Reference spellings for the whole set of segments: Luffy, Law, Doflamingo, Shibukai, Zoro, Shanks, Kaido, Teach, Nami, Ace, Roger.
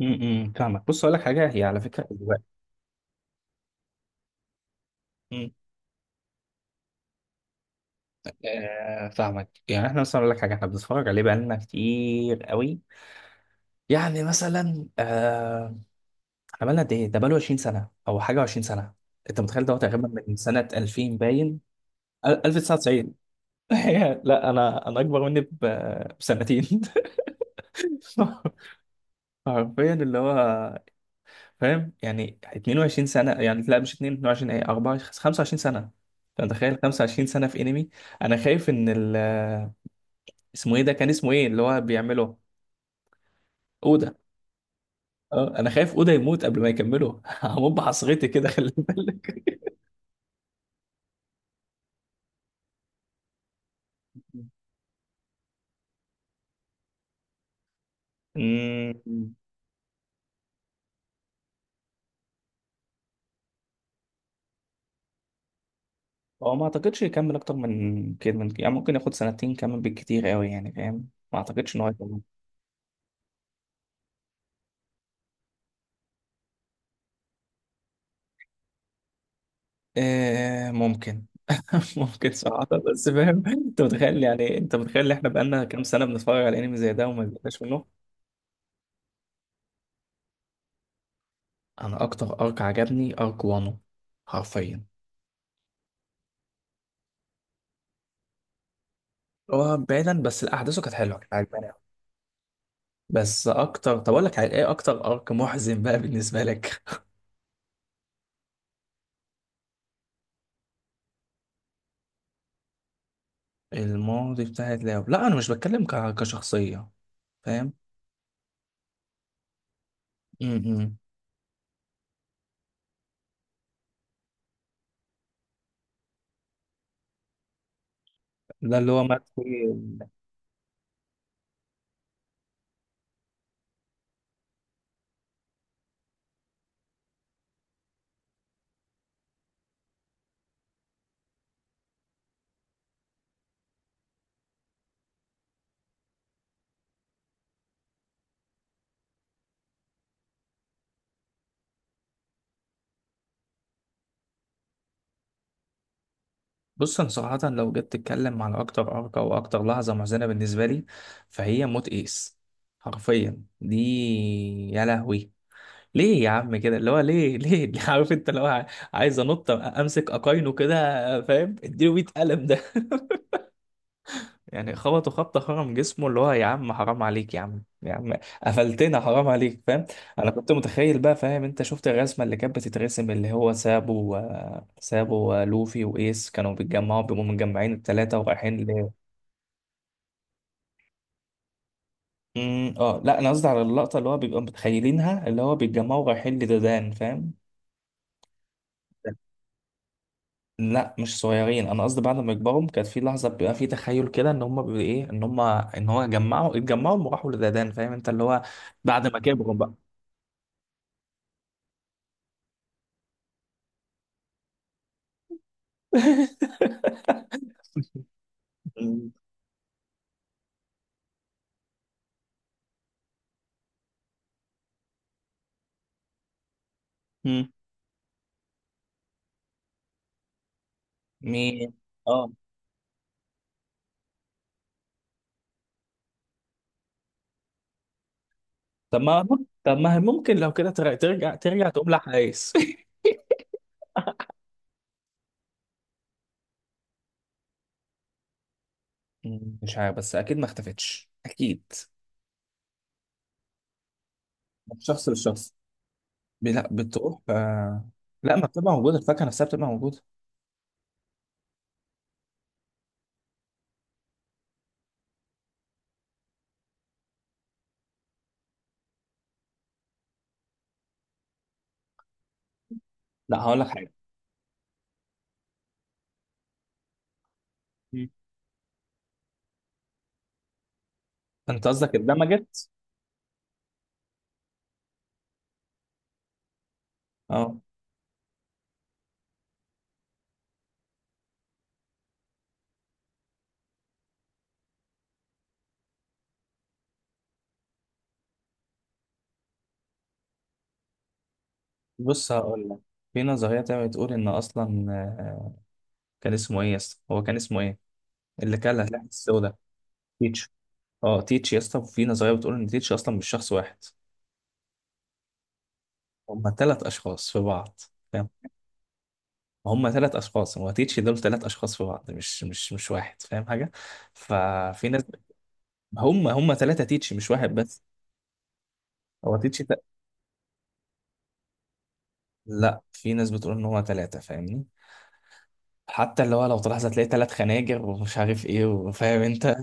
فاهمك، بص اقول لك حاجه، هي على فكره دلوقتي. أمم، فاهمك. يعني احنا مثلا اقول لك حاجه، احنا بنتفرج عليه بقالنا كتير قوي، يعني مثلا احنا بقالنا قد ايه؟ ده بقاله 20 سنة سنه او حاجه، و20 سنه. انت متخيل؟ ده هو تقريبا من سنه 2000، باين 1990. لا انا اكبر مني بسنتين. حرفيا اللي هو فاهم، يعني 22 سنة سنه. يعني لا، مش 22، ايه، 24، 25 سنه. انت متخيل 25 سنة سنه في انمي؟ انا خايف ان اسمه ايه ده، كان اسمه ايه اللي هو بيعمله؟ اودا. اه، انا خايف اودا يموت قبل ما يكمله. هموت بحصرتي كده، خلي بالك. امم. هو ما اعتقدش يكمل اكتر من كده، من يعني ممكن ياخد سنتين كمان بالكتير قوي، يعني فاهم، ما اعتقدش ان هو يكمل. آه ممكن، ممكن صراحة. بس فاهم، انت متخيل؟ يعني انت متخيل ان احنا بقالنا كام سنة بنتفرج على انمي زي ده وما بنبقاش منه؟ انا اكتر ارك عجبني ارك وانو، حرفيا. هو بعيدا، بس الاحداث كانت حلوة، كانت عجباني أوي. بس اكتر، طب اقول لك على ايه، اكتر ارك محزن بقى بالنسبة لك؟ الماضي بتاعت لاو، لا انا مش بتكلم كشخصية، فاهم. م- م. ده اللي هو مات فيه. بص انا صراحة، لو جيت تتكلم على اكتر ارقى واكتر لحظة محزنة بالنسبة لي، فهي موت ايس، حرفيا دي. يا لهوي، ليه يا عم كده؟ اللي هو ليه، ليه؟ عارف انت اللي هو عايز انط امسك اقاينه كده، فاهم، اديله 100 قلم ده. يعني خبطوا خبطة خرم جسمه، اللي هو يا عم حرام عليك، يا عم، يا عم، قفلتنا، حرام عليك، فاهم. انا كنت متخيل بقى، فاهم، انت شفت الرسمة اللي كانت بتترسم، اللي هو سابو سابو ولوفي وايس كانوا بيتجمعوا، بيبقوا متجمعين التلاتة ورايحين ل. اه، لا انا قصدي على اللقطة اللي هو بيبقى متخيلينها، اللي هو بيتجمعوا رايحين لدودان، فاهم. لا مش صغيرين، انا قصدي بعد ما يكبروا، كانت في لحظه بيبقى في تخيل كده ان هم بي- ايه ان هم ان هو جمعوا اتجمعوا وراحوا لدادان، فاهم انت اللي هو بعد ما كبروا بقى. مم. مين؟ اه، طب ما طب ما هي ممكن لو كده ترجع، تقوم لحقايس. مم، مش عارف، بس اكيد ما اختفتش، اكيد. من شخص لشخص، لا بتروح، لا ما بتبقى موجوده، الفاكهه نفسها بتبقى موجوده. لا هقول لك حاجه. مم. انت قصدك اندمجت؟ اه. بص هقول لك، في نظريه تانية بتقول ان اصلا كان اسمه ايه يا اسطى؟ هو كان اسمه ايه؟ اللي كان لحم السودا. تيتش. اه تيتش يا اسطى، في نظريه بتقول ان تيتش اصلا مش شخص واحد، هم ثلاث اشخاص في بعض، فاهم. هم ثلاث اشخاص، هو تيتش دول ثلاث اشخاص في بعض، مش واحد، فاهم حاجه. ففي ناس، هم ثلاثه تيتش، مش واحد بس. هو تيتش ت... لا، في ناس بتقول ان هو ثلاثه، فاهمني. حتى اللي هو لو تلاحظ هتلاقي ثلاث خناجر ومش عارف ايه، وفاهم انت.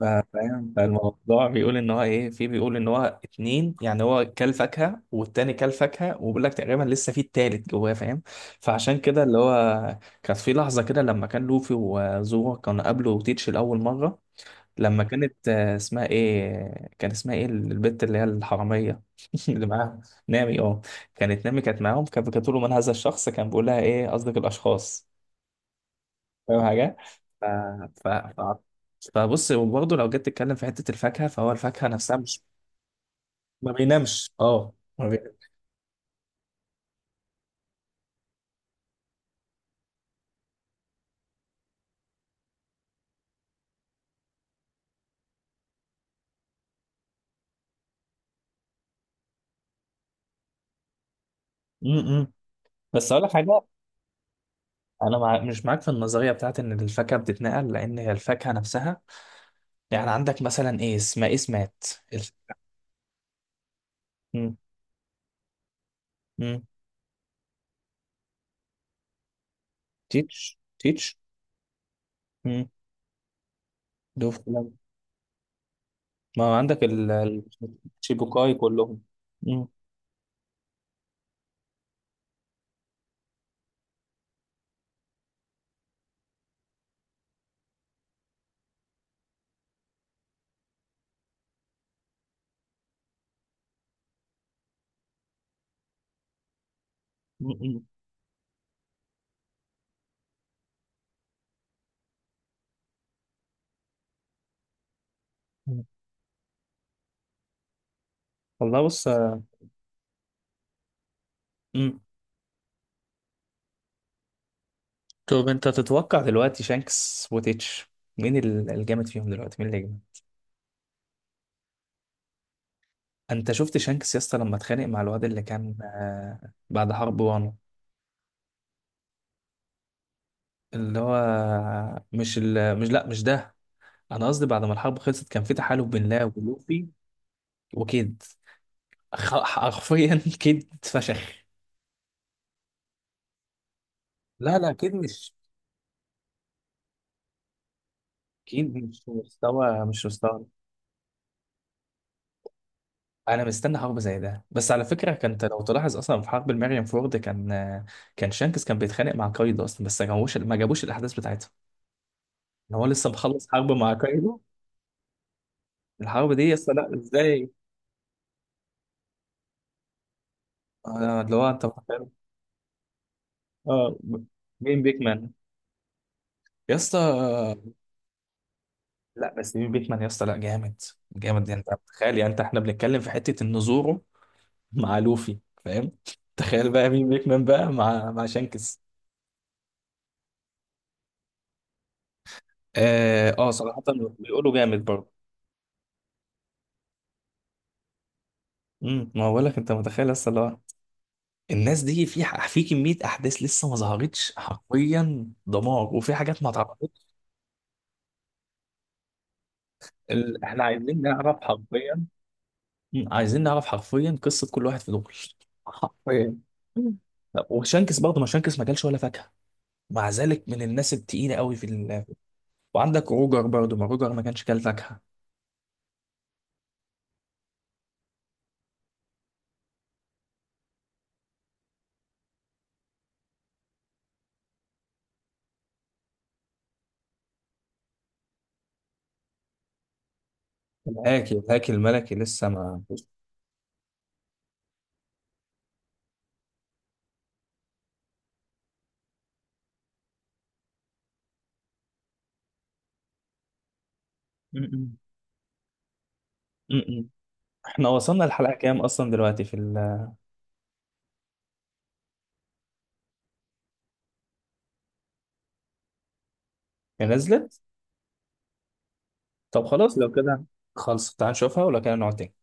فاهم. فالموضوع بيقول ان هو ايه، في بيقول ان هو اتنين، يعني هو كل فاكهه والتاني كل فاكهه، وبيقول لك تقريبا لسه في التالت جواه، فاهم. فعشان كده اللي هو كانت في لحظه كده لما كان لوفي وزورو كانوا قابلوا تيتش لاول مره، لما كانت اسمها ايه، كان اسمها ايه البت اللي هي الحراميه اللي معاها؟ نامي، اه. كانت نامي كانت معاهم، كانت بتقول له من هذا الشخص، كان بيقول لها ايه قصدك الاشخاص، فاهم حاجه. ف... ف... ف... فبص، وبرضه لو جيت تتكلم في حتة الفاكهة، فهو الفاكهة نفسها مش. ما بينامش، اه ما بينامش. م- م. بس أقول لك حاجة. أنا مش معاك في النظرية بتاعت إن الفاكهة بتتنقل، لأن هي الفاكهة نفسها. يعني عندك مثلا إيه اسمها، إيه اسمات. الف... م- م. تيتش، تيتش. م. دوف كلام. ما هو عندك الشيبوكاي كلهم. م- م- م. والله بص، م. طب انت تتوقع دلوقتي شانكس وتيتش، مين الجامد فيهم دلوقتي، مين اللي يجمد؟ انت شفت شانكس يا اسطى لما اتخانق مع الواد اللي كان بعد حرب وانو؟ اللي هو مش ال... مش لا مش ده. انا قصدي بعد ما الحرب خلصت، كان في تحالف بين لاو ولوفي وكيد. حرفيا كيد اتفشخ. لا لا، كيد مش مستوى، مش مستوى. انا مستني حرب زي ده. بس على فكره، كانت لو تلاحظ اصلا في حرب المريم فورد، كان كان شانكس كان بيتخانق مع كايدو اصلا، بس ما جابوش الاحداث بتاعتها، ان هو لسه مخلص حرب مع كايدو. الحرب دي يا اسطى، لا ازاي؟ اللي هو انت متخيل؟ اه. مين بيكمان يا اسطى؟ لا بس مين بيكمان يا اسطى، لا جامد، جامد. يعني انت تخيل، يعني انت احنا بنتكلم في حته ان زورو مع لوفي، فاهم، تخيل بقى مين بيكمان بقى مع مع شانكس. اه، صراحه بيقولوا جامد برضه. ما بقول لك، انت متخيل لسه اللي هو الناس دي في في كميه احداث لسه ما ظهرتش، حرفيا دمار، وفي حاجات ما اتعرفتش. احنا عايزين نعرف حرفيا، مم، عايزين نعرف حرفيا قصه كل واحد في دول، حرفيا. مم. طب وشانكس برضه، ما شانكس ما كلش ولا فاكهه، مع ذلك من الناس التقيله قوي في وعندك روجر برضه، ما روجر ما كانش كل فاكهه. الهاكي الملكي لسه ما. مم، مم. مم، مم. احنا وصلنا الحلقه كام اصلا دلوقتي في هي نزلت؟ طب خلاص لو كده، خلص تعال نشوفها، ولو كده نقعد تاني.